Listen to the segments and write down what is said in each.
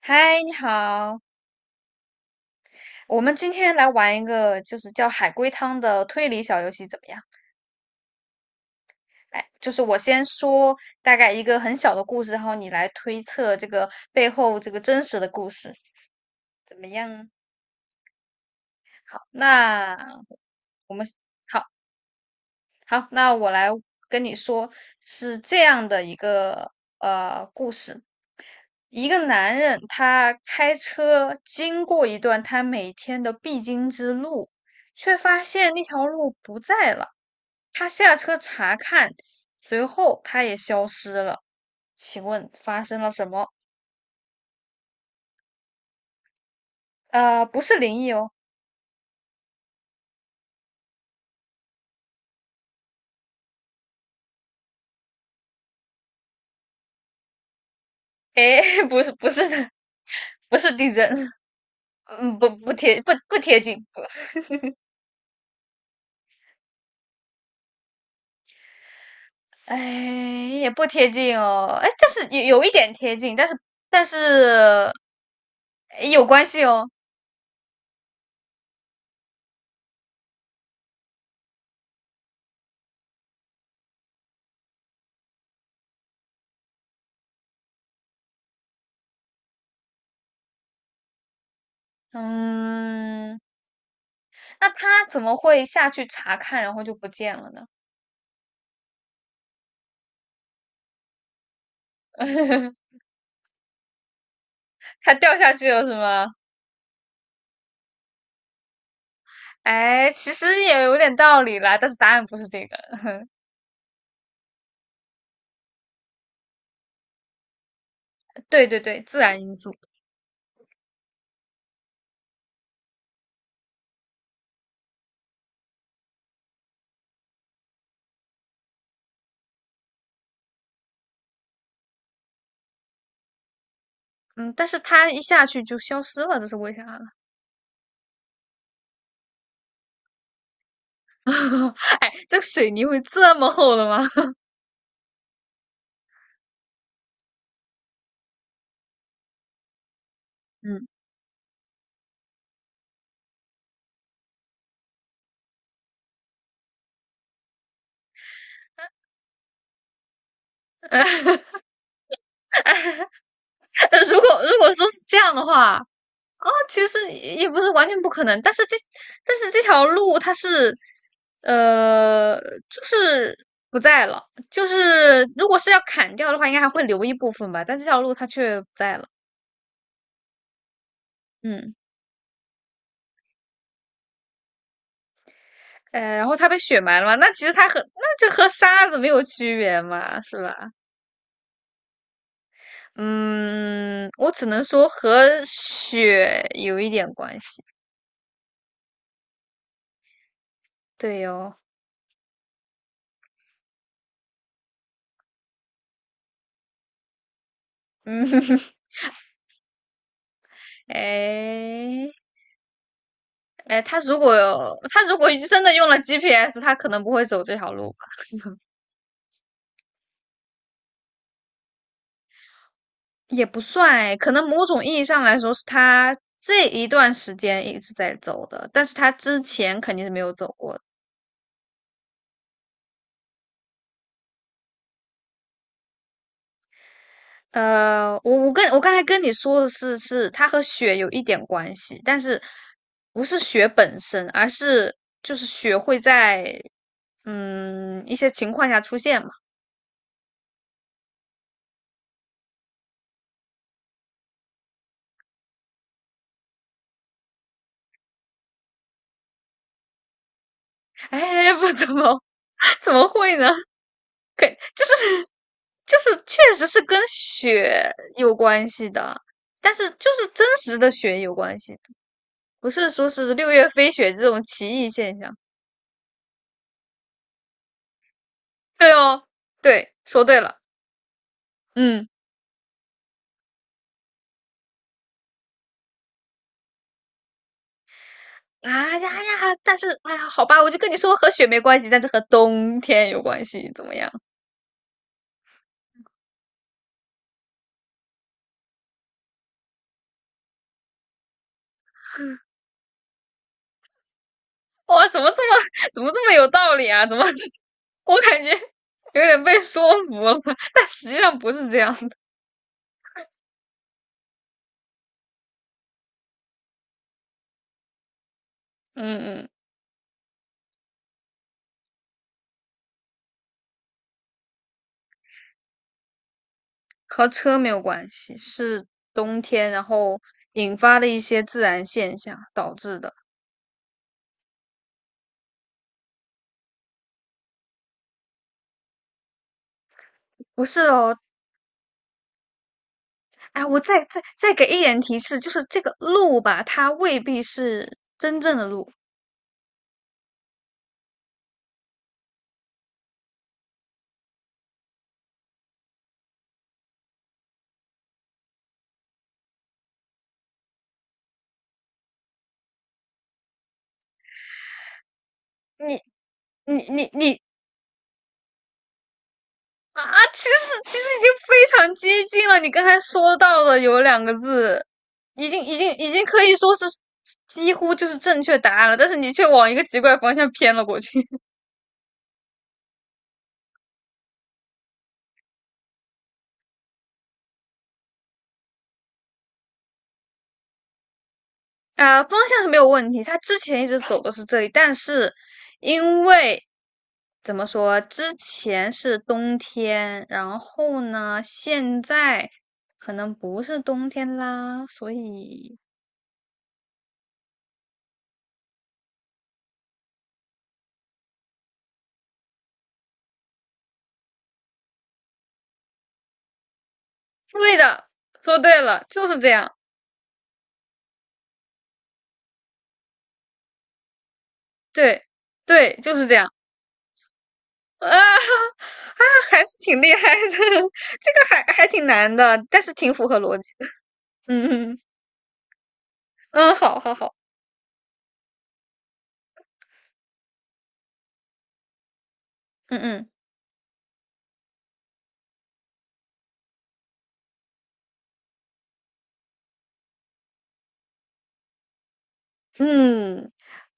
嗨，你好，我们今天来玩一个就是叫海龟汤的推理小游戏，怎么样？来，就是我先说大概一个很小的故事，然后你来推测这个背后这个真实的故事，怎么样？好，那我们好好，那我来跟你说，是这样的一个故事，一个男人他开车经过一段他每天的必经之路，却发现那条路不在了。他下车查看，随后他也消失了。请问发生了什么？不是灵异哦。诶，不是，不是的，不是地震。嗯，不贴近，不。哎，也不贴近哦。哎，但是有一点贴近，但是诶有关系哦。嗯。那他怎么会下去查看，然后就不见了呢？他掉下去了是吗？哎，其实也有点道理啦，但是答案不是这个。对对对，自然因素。嗯，但是他一下去就消失了，这是为啥呢？哎，这个水泥会这么厚的吗？嗯，如果说是这样的话，其实也不是完全不可能，但是这条路它是呃，就是不在了，就是如果是要砍掉的话，应该还会留一部分吧，但这条路它却不在了。嗯。哎，然后它被雪埋了嘛？那其实它这和沙子没有区别嘛，是吧？嗯，我只能说和雪有一点关系。对哟、哦。嗯。哎，哎，他如果真的用了 GPS，他可能不会走这条路吧？也不算哎，可能某种意义上来说是他这一段时间一直在走的，但是他之前肯定是没有走过的。我刚才跟你说的是，是它和雪有一点关系，但是不是雪本身，而是就是雪会在一些情况下出现嘛。哎，不怎么 怎么会呢？给就是就是确实是跟雪有关系的，但是就是真实的雪有关系，不是说是六月飞雪这种奇异现象。对哦，对，说对了。嗯。啊呀哎呀！但是哎呀，好吧，我就跟你说和雪没关系，但是和冬天有关系，怎么样？哇，怎么这么有道理啊？怎么 我感觉有点被说服了？但实际上不是这样的。嗯嗯。和车没有关系，是冬天，然后引发的一些自然现象导致的。不是哦。哎，我再给一点提示，就是这个路吧，它未必是真正的路。你你啊，其实已经非常接近了。你刚才说到的有两个字，已经可以说是几乎就是正确答案了，但是你却往一个奇怪方向偏了过去。啊、方向是没有问题，他之前一直走的是这里，但是因为怎么说，之前是冬天，然后呢，现在可能不是冬天啦，所以对的，说对了，就是这样。对对，就是这样。啊啊，还是挺厉害的，这个还挺难的，但是挺符合逻辑的。嗯嗯。嗯，好好好，嗯嗯。嗯，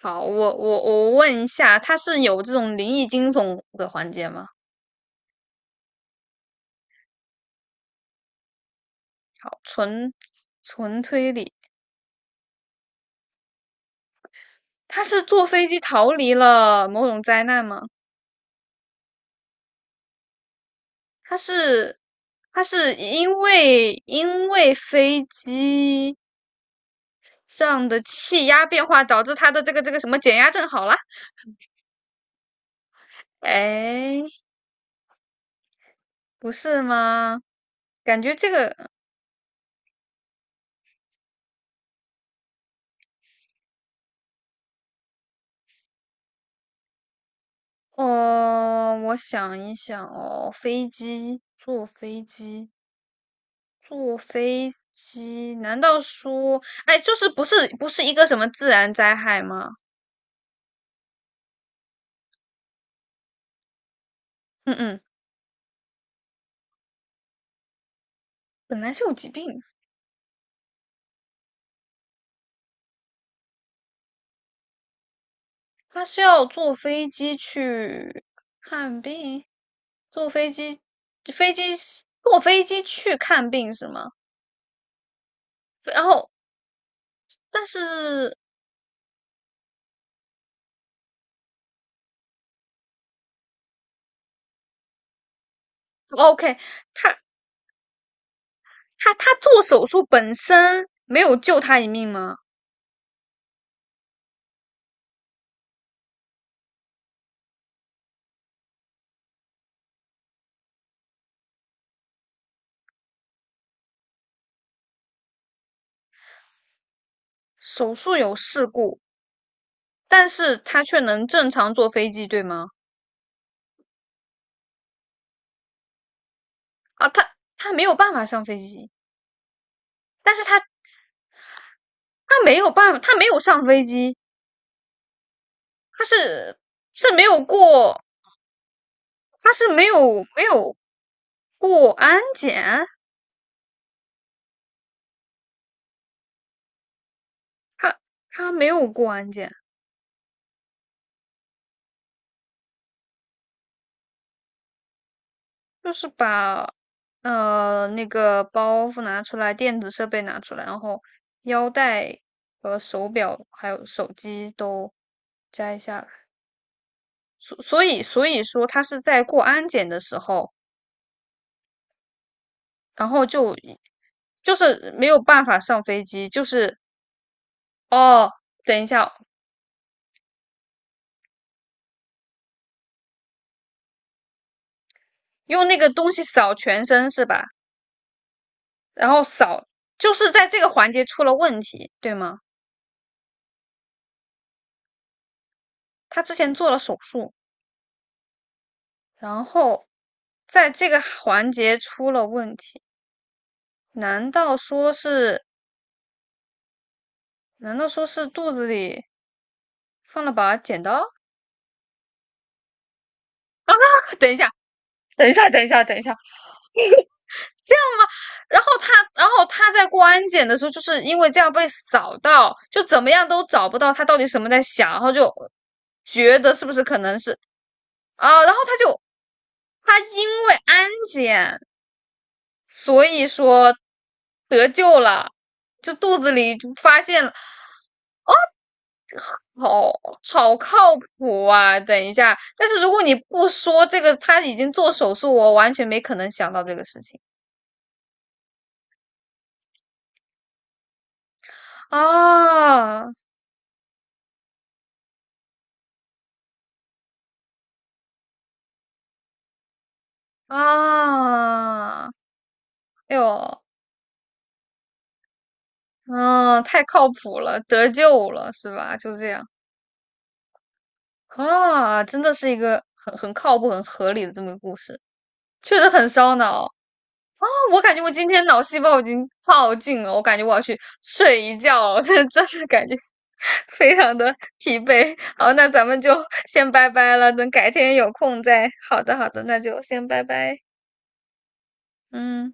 好，我问一下，它是有这种灵异惊悚的环节吗？好，纯推理，他是坐飞机逃离了某种灾难吗？他是他是因为飞机上的气压变化导致他的这个什么减压症好了？哎，不是吗？感觉这个哦，我想一想哦，飞机坐飞机。坐飞机？难道说，哎，就是不是一个什么自然灾害吗？嗯嗯，本来是有疾病，他是要坐飞机去看病，坐飞机，飞机是坐飞机去看病是吗？飞然后，但是哦， OK，他他他做手术本身没有救他一命吗？手术有事故，但是他却能正常坐飞机，对吗？啊，他没有办法上飞机。但是他没有办法，他没有上飞机，他是是没有过，他是没有过安检，他他没有过安检，就是把那个包袱拿出来，电子设备拿出来，然后腰带和手表还有手机都摘下来，所以说他是在过安检的时候，然后就是没有办法上飞机，就是哦。等一下，用那个东西扫全身是吧？然后扫就是在这个环节出了问题，对吗？他之前做了手术，然后在这个环节出了问题，难道说是？难道说是肚子里放了把剪刀？等一下，等一下。然后他，然后他在过安检的时候，就是因为这样被扫到，就怎么样都找不到他到底什么在想，然后就觉得是不是可能是啊，然后他就他因为安检，所以说得救了，就肚子里就发现了。好好靠谱啊！等一下，但是如果你不说这个，他已经做手术，我完全没可能想到这个事情。啊啊！哎呦，嗯、啊太靠谱了，得救了是吧？就这样啊，真的是一个很靠谱、很合理的这么个故事，确实很烧脑。我感觉我今天脑细胞已经耗尽了，我感觉我要去睡一觉了。我现在真的感觉 非常的疲惫。好，那咱们就先拜拜了，等改天有空再。好的，好的，那就先拜拜。嗯。